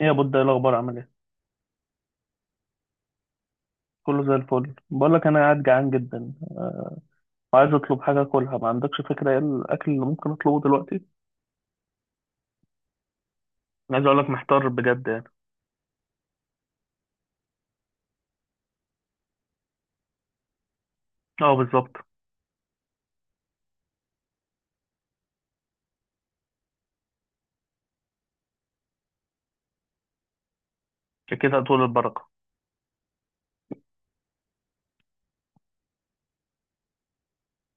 ايه يا بود؟ ايه الاخبار؟ عامل ايه؟ كله زي الفل. بقول لك انا قاعد جعان جدا وعايز اطلب حاجه اكلها. ما عندكش فكره ايه الاكل اللي ممكن اطلبه دلوقتي؟ أنا عايز اقول لك محتار بجد يعني. اه، بالظبط. كده طول البركه.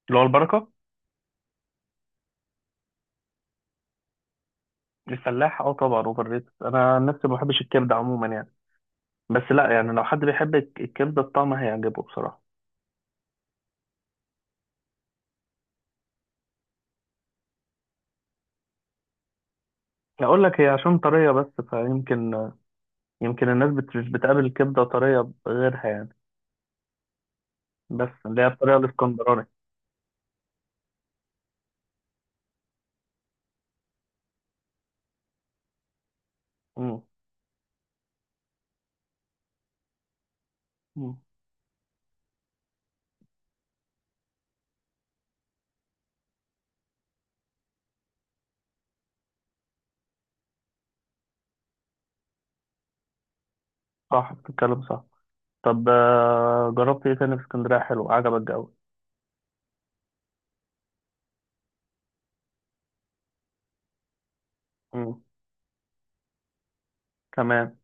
اللي هو البركه. الفلاح، اه طبعا اوفر ريتد. انا عن نفسي ما بحبش الكبده عموما يعني. بس لا يعني، لو حد بيحب الكبده الطعم هيعجبه بصراحه. اقول لك هي عشان طريه بس فيمكن. يمكن الناس مش بتقابل الكبده طريه غيرها يعني. بس اللي هي الطريقه الاسكندراني. امم. أمم. صح، بتتكلم صح. طب، جربت ايه تاني في اسكندرية؟ حلو، عجبك الجو؟ مم. تمام.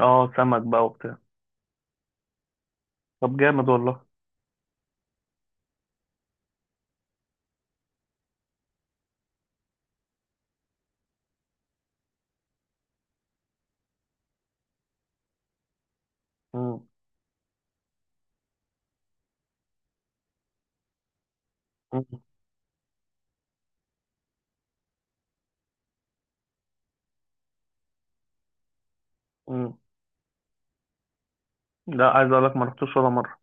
اه سمك بقى وبتاع. طب جامد والله. مم. مم. مم. لا، عايز اقول لك ما رحتوش ولا مرة.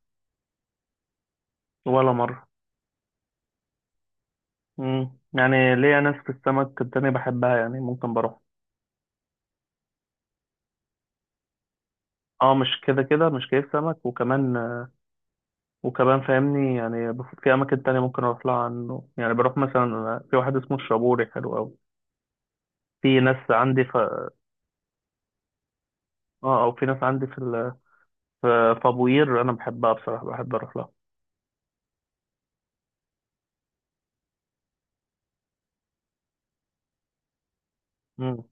ولا مرة. مم. يعني ليا ناس في السمك التانية بحبها يعني ممكن بروح. اه، مش كده كده مش كيف سمك. وكمان وكمان فاهمني يعني في اماكن تانية ممكن اروح لها عنه. يعني بروح مثلا في واحد اسمه الشابوري حلو قوي. في ناس عندي ف... اه، او في ناس عندي في ابو قير انا بحبها بصراحة. بحب اروح لها. مم.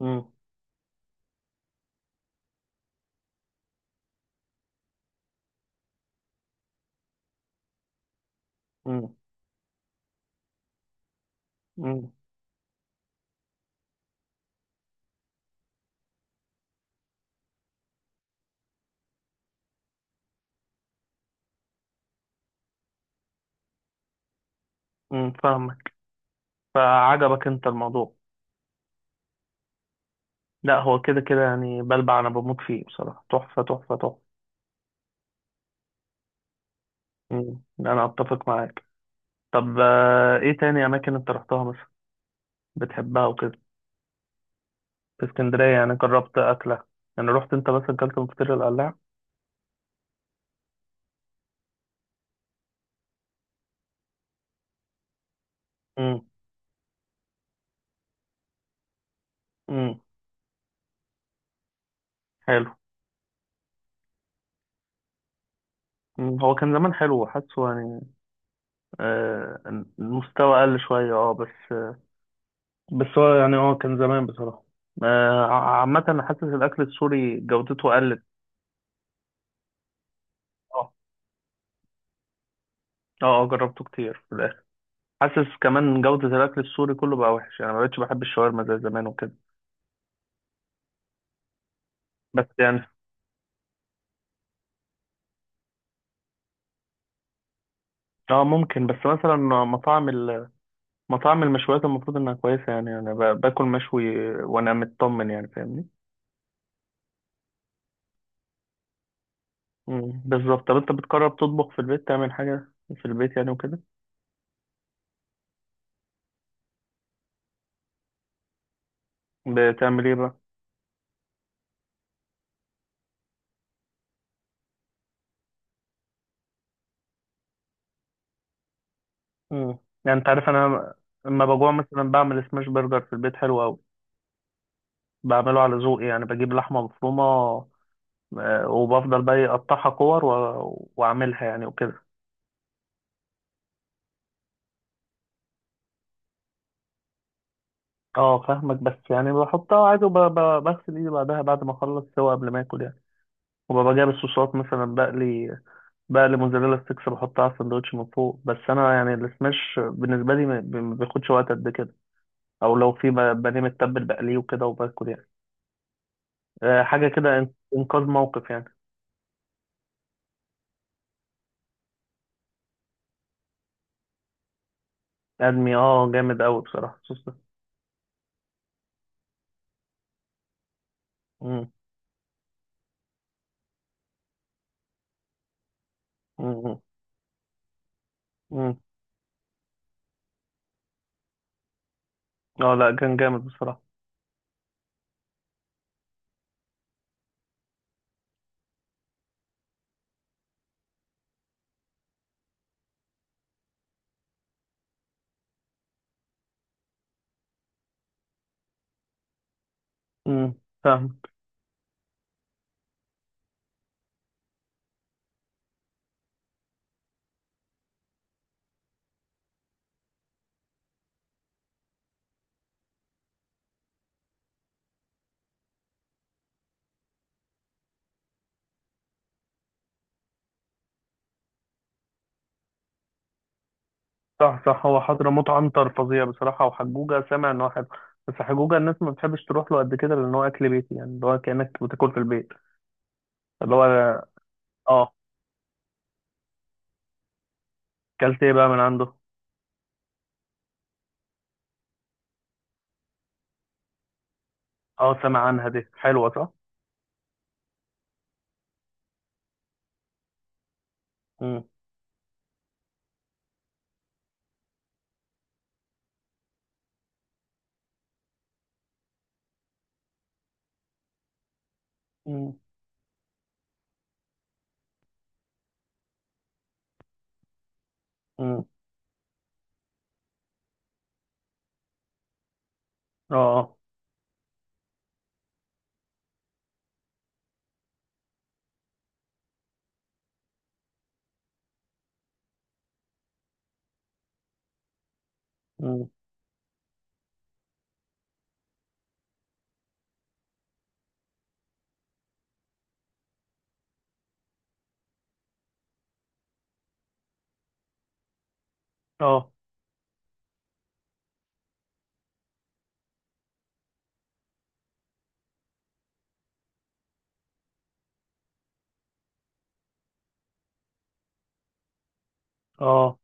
مم. مم. مم. مم. فاهمك. فعجبك انت الموضوع؟ لا، هو كده كده يعني بلبع انا بموت فيه بصراحة. تحفة، تحفة، تحفة. مم. انا اتفق معاك. طب، ايه تاني اماكن انت رحتها مثلا بتحبها وكده؟ في اسكندرية يعني جربت اكلة؟ يعني رحت انت مثلا اكلت من فطير القلاع؟ مم. مم. حلو. مم. هو كان زمان حلو حاسه يعني. آه، المستوى قل شوية بس. بس هو يعني كان زمان بصراحة. عامة أنا حاسس الأكل السوري جودته قلت. اه. اه، اه، جربته كتير في الاخر. حاسس كمان جودة الاكل السوري كله بقى وحش يعني. ما بقتش بحب الشاورما زي زمان وكده. بس يعني اه ممكن، بس مثلا مطاعم ال- مطاعم المشويات المفروض انها كويسة. يعني انا باكل مشوي وانا مطمن يعني، فاهمني؟ مم، بالظبط. طب انت بتقرب تطبخ في البيت، تعمل حاجة في البيت يعني وكده؟ بتعمل ايه بقى؟ مم. يعني انت عارف انا لما بجوع مثلا بعمل سماش برجر في البيت حلو قوي. بعمله على ذوقي يعني. بجيب لحمة مفرومة وبفضل بقى اقطعها كور واعملها يعني وكده. اه فاهمك، بس يعني بحطها عادي وبغسل ايدي بعدها بعد ما اخلص سوا قبل ما اكل يعني. وببقى جايب الصوصات مثلا. بقلي، بقلي موزاريلا ستيكس بحطها على السندوتش من فوق. بس انا يعني السماش بالنسبه لي ما بياخدش وقت قد كده. او لو في بانيه متبل بقليه وكده وباكل يعني. حاجه كده انقاذ موقف يعني. ادمي، اه، جامد قوي بصراحه الصوص ده. مم، مم، مم، مم. اه لا، كان جامد بصراحه. امم. فاهم. صح، صح، هو حضرموت عنتر فظيع بصراحة. وحجوجة سامع إن هو حلو، بس حجوجة الناس ما بتحبش تروح له قد كده لأن هو أكل بيتي يعني اللي هو كأنك بتاكل في البيت. اللي هو آه. أكلت إيه بقى من عنده؟ آه سامع عنها، دي حلوة صح؟ مم. مم. مم. آه، آه. مم. آه، آه،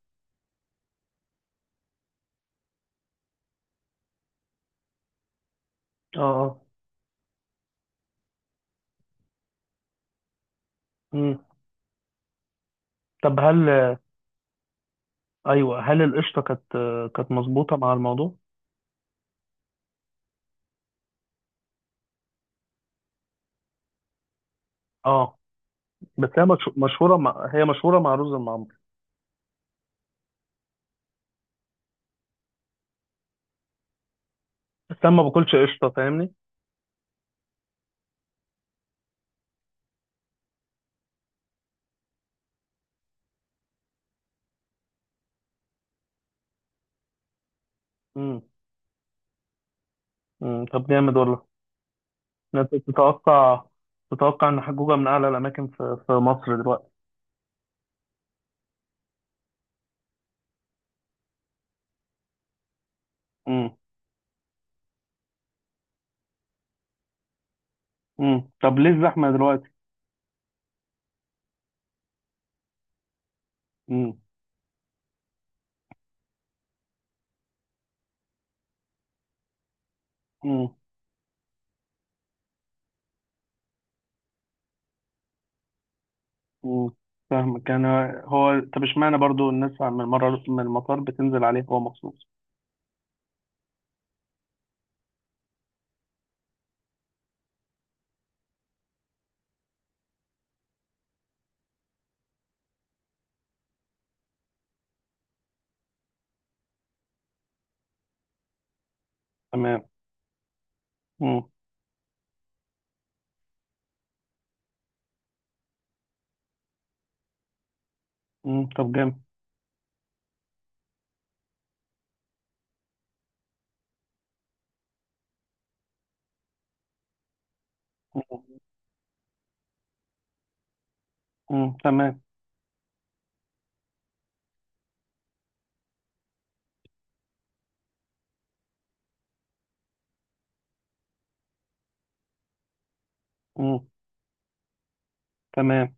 آه، آه. مم. طب هل أيوه هل القشطة كانت مظبوطة مع الموضوع؟ آه. بس هي مشهورة مع رز المعمر. بس أنا ما باكلش قشطة، فاهمني؟ مم. مم. طب جامد والله. انت تتوقع ان حجوجة من اعلى الاماكن في مصر دلوقتي. امم. امم، طب ليه الزحمة دلوقتي؟ امم. امم. امم، فاهمك كان. هو طب اشمعنى برضو الناس من المطار بتنزل عليه هو مخصوص؟ تمام. امم. امم، طب جامد. امم، تمام. امم، تمام.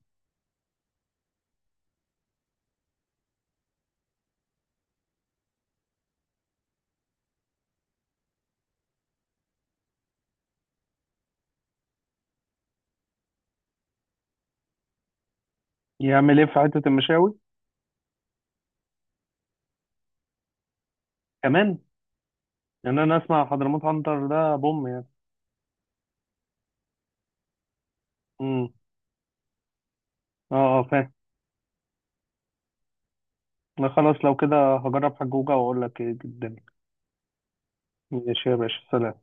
يعمل ايه في حتة المشاوي؟ كمان؟ يعني انا اسمع حضرموت عنتر ده بوم يعني. امم. اه، اه، فاهم. لا خلاص، لو كده هجرب حجوجة واقول لك ايه الدنيا. ماشي يا باشا، سلام.